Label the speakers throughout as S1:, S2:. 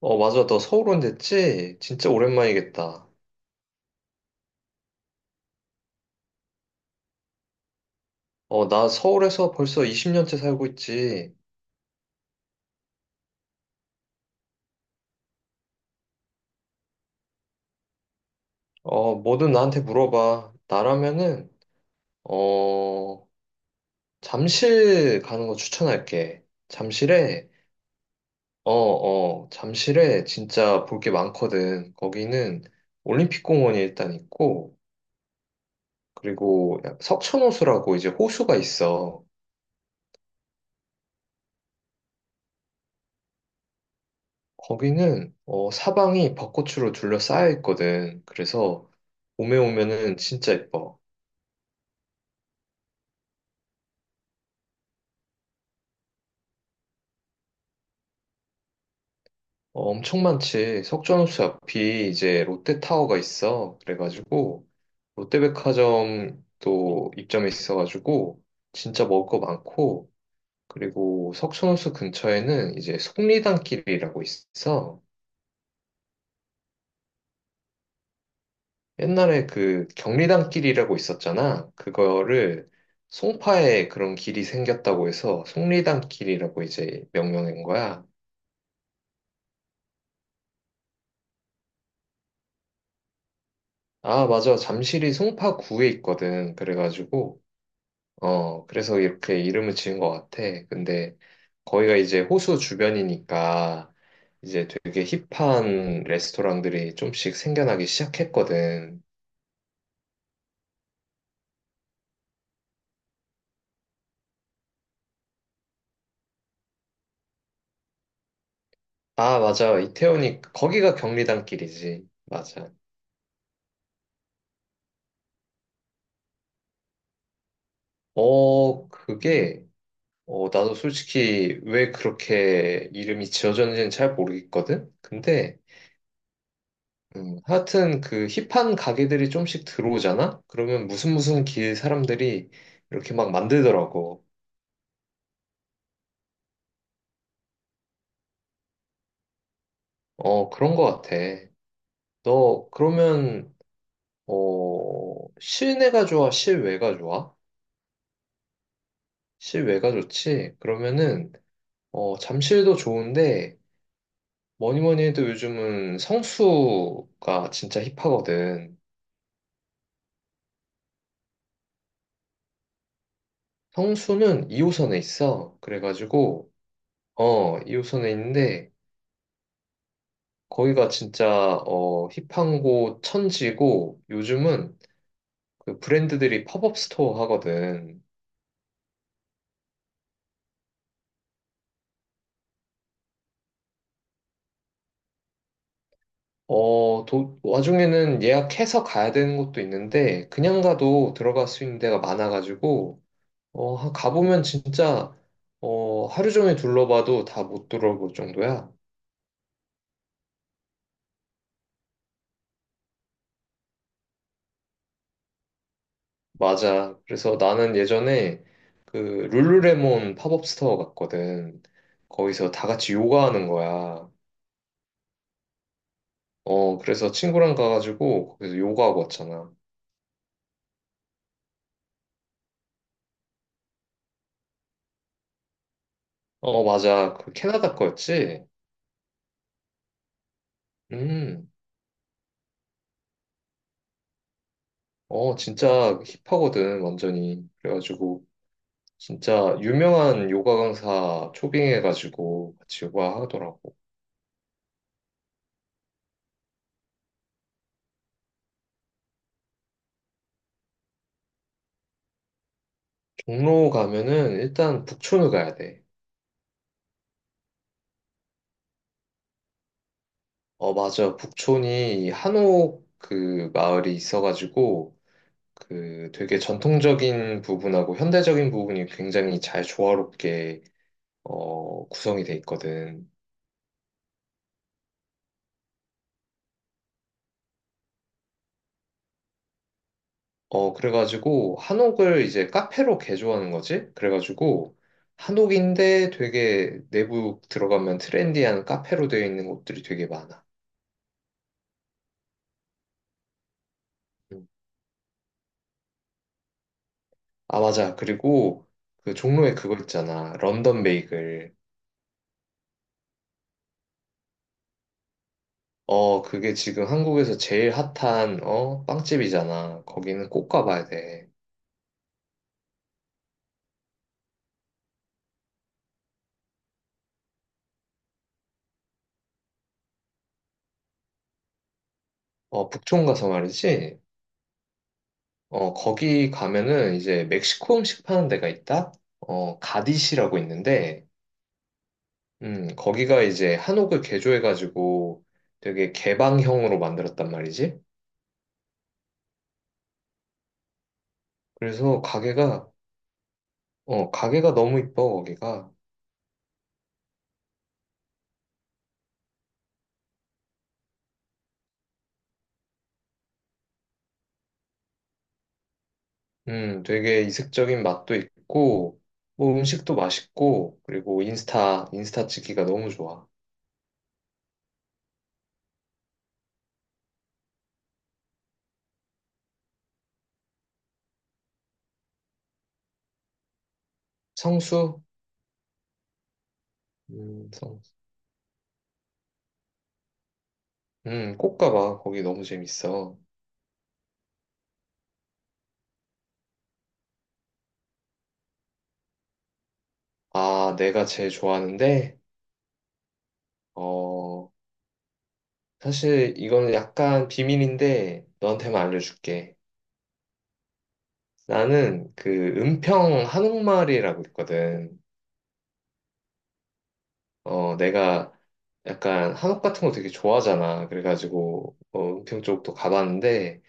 S1: 맞아. 너 서울 온 됐지? 진짜 오랜만이겠다. 나 서울에서 벌써 20년째 살고 있지. 뭐든 나한테 물어봐. 어, 잠실 가는 거 추천할게. 잠실에 진짜 볼게 많거든. 거기는 올림픽공원이 일단 있고, 그리고 석촌호수라고 이제 호수가 있어. 거기는 사방이 벚꽃으로 둘러싸여 있거든. 그래서 봄에 오면은 진짜 예뻐. 엄청 많지. 석촌호수 앞이 이제 롯데타워가 있어. 그래가지고 롯데백화점도 입점해 있어가지고 진짜 먹을 거 많고 그리고 석촌호수 근처에는 이제 속리단길이라고 있어. 옛날에 그 경리단 길이라고 있었잖아. 그거를 송파에 그런 길이 생겼다고 해서 송리단 길이라고 이제 명명한 거야. 아, 맞아. 잠실이 송파구에 있거든. 그래가지고, 그래서 이렇게 이름을 지은 것 같아. 근데 거기가 이제 호수 주변이니까 이제 되게 힙한 레스토랑들이 좀씩 생겨나기 시작했거든. 아, 맞아. 이태원이, 거기가 경리단 길이지. 맞아. 어, 그게 나도 솔직히 왜 그렇게 이름이 지어졌는지는 잘 모르겠거든? 하여튼 그 힙한 가게들이 좀씩 들어오잖아? 그러면 무슨 무슨 길 사람들이 이렇게 막 만들더라고. 그런 것 같아. 너, 그러면, 어, 실내가 좋아? 실외가 좋아? 실외가 좋지? 잠실도 좋은데, 뭐니 뭐니 해도 요즘은 성수가 진짜 힙하거든. 성수는 2호선에 있어. 2호선에 있는데, 거기가 진짜, 힙한 곳 천지고, 요즘은 그 브랜드들이 팝업 스토어 하거든. 와중에는 예약해서 가야 되는 곳도 있는데, 그냥 가도 들어갈 수 있는 데가 많아가지고, 가보면 하루 종일 둘러봐도 다 못 들어볼 정도야. 맞아. 그래서 나는 예전에 그 룰루레몬 팝업 스토어 갔거든. 거기서 다 같이 요가하는 거야. 그래서 친구랑 가가지고 거기서 요가하고 왔잖아. 어, 맞아. 그 캐나다 거였지? 음. 진짜 힙하거든, 완전히. 그래가지고 진짜 유명한 요가 강사 초빙해가지고 같이 요가 하더라고. 종로 가면은 일단 북촌을 가야 돼. 어, 맞아. 북촌이 한옥 그 마을이 있어가지고 그 되게 전통적인 부분하고 현대적인 부분이 굉장히 잘 조화롭게 구성이 돼 있거든. 그래가지고 한옥을 이제 카페로 개조하는 거지? 그래가지고 한옥인데 되게 내부 들어가면 트렌디한 카페로 되어 있는 곳들이 되게 많아. 음. 아, 맞아. 그리고 그 종로에 그거 있잖아. 런던 베이글. 그게 지금 한국에서 제일 핫한 빵집이잖아. 거기는 꼭 가봐야 돼. 북촌 가서 말이지. 거기 가면은 이제 멕시코 음식 파는 데가 있다? 가디시라고 있는데, 거기가 이제 한옥을 개조해가지고 되게 개방형으로 만들었단 말이지. 그래서 가게가, 가게가 너무 이뻐, 거기가. 되게 이색적인 맛도 있고, 뭐 음식도 맛있고, 그리고 인스타, 인스타 찍기가 너무 좋아. 성수? 성수. 꼭 가봐. 거기 너무 재밌어. 아, 내가 제일 좋아하는데, 어, 사실 이거는 약간 비밀인데 너한테만 알려줄게. 나는 그 은평 한옥마을이라고 있거든. 내가 약간 한옥 같은 거 되게 좋아하잖아. 그래가지고 은평 쪽도 가봤는데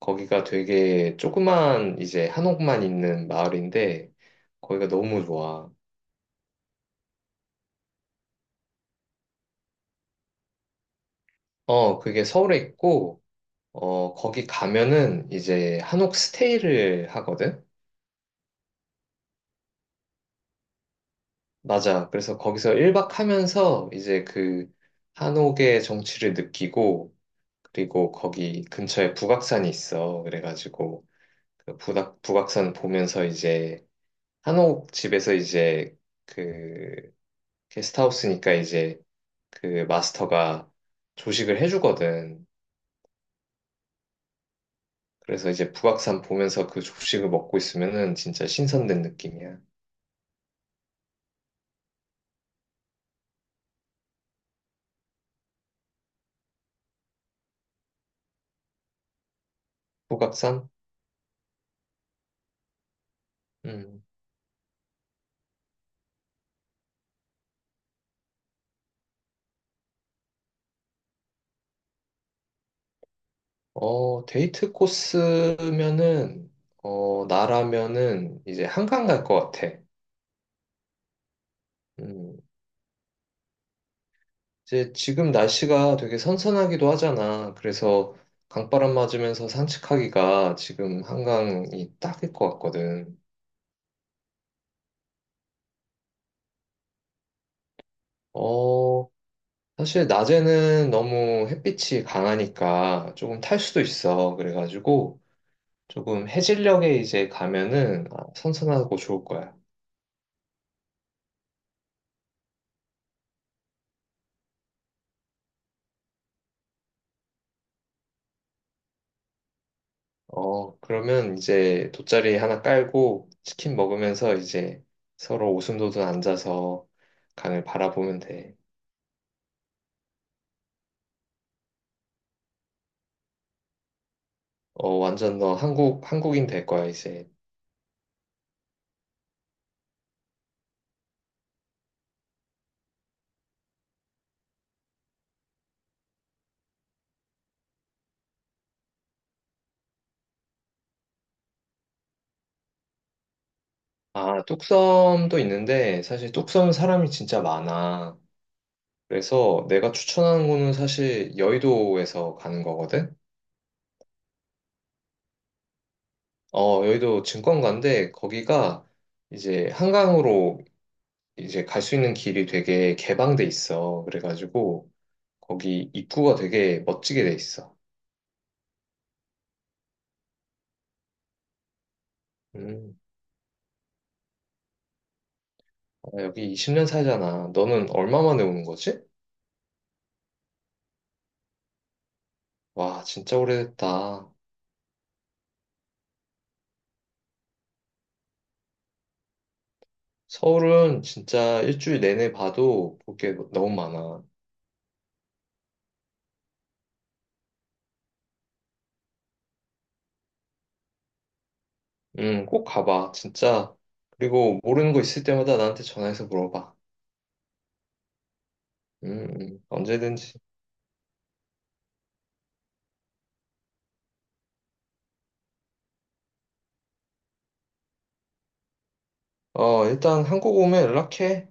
S1: 거기가 되게 조그만 이제 한옥만 있는 마을인데 거기가 너무 좋아. 그게 서울에 있고 거기 가면은 이제 한옥 스테이를 하거든. 맞아. 그래서 거기서 1박 하면서 이제 그 한옥의 정취를 느끼고 그리고 거기 근처에 북악산이 있어. 그래가지고 그 북악산 보면서 이제 한옥 집에서 이제 그 게스트하우스니까 이제 그 마스터가 조식을 해주거든. 그래서 이제 북악산 보면서 그 조식을 먹고 있으면은 진짜 신선된 느낌이야. 북악산? 음. 데이트 코스면은, 나라면은 이제 한강 갈 것 같아. 음, 이제 지금 날씨가 되게 선선하기도 하잖아. 그래서 강바람 맞으면서 산책하기가 지금 한강이 딱일 것 같거든. 어, 사실 낮에는 너무 햇빛이 강하니까 조금 탈 수도 있어. 그래가지고 조금 해질녘에 이제 가면은 아, 선선하고 좋을 거야. 그러면 이제 돗자리 하나 깔고 치킨 먹으면서 이제 서로 오순도순 앉아서 강을 바라보면 돼. 어, 완전 너 한국인 될 거야, 이제. 아, 뚝섬도 있는데 사실 뚝섬은 사람이 진짜 많아. 그래서 내가 추천하는 거는 사실 여의도에서 가는 거거든? 어, 여의도 증권가인데 거기가 이제 한강으로 이제 갈 수 있는 길이 되게 개방돼 있어. 그래가지고 거기 입구가 되게 멋지게 돼 있어. 음, 아, 여기 20년 살잖아. 너는 얼마 만에 오는 거지? 와, 진짜 오래됐다. 서울은 진짜 일주일 내내 봐도 볼게 너무 많아. 꼭 가봐, 진짜. 그리고 모르는 거 있을 때마다 나한테 전화해서 물어봐. 언제든지. 일단 한국 오면 연락해.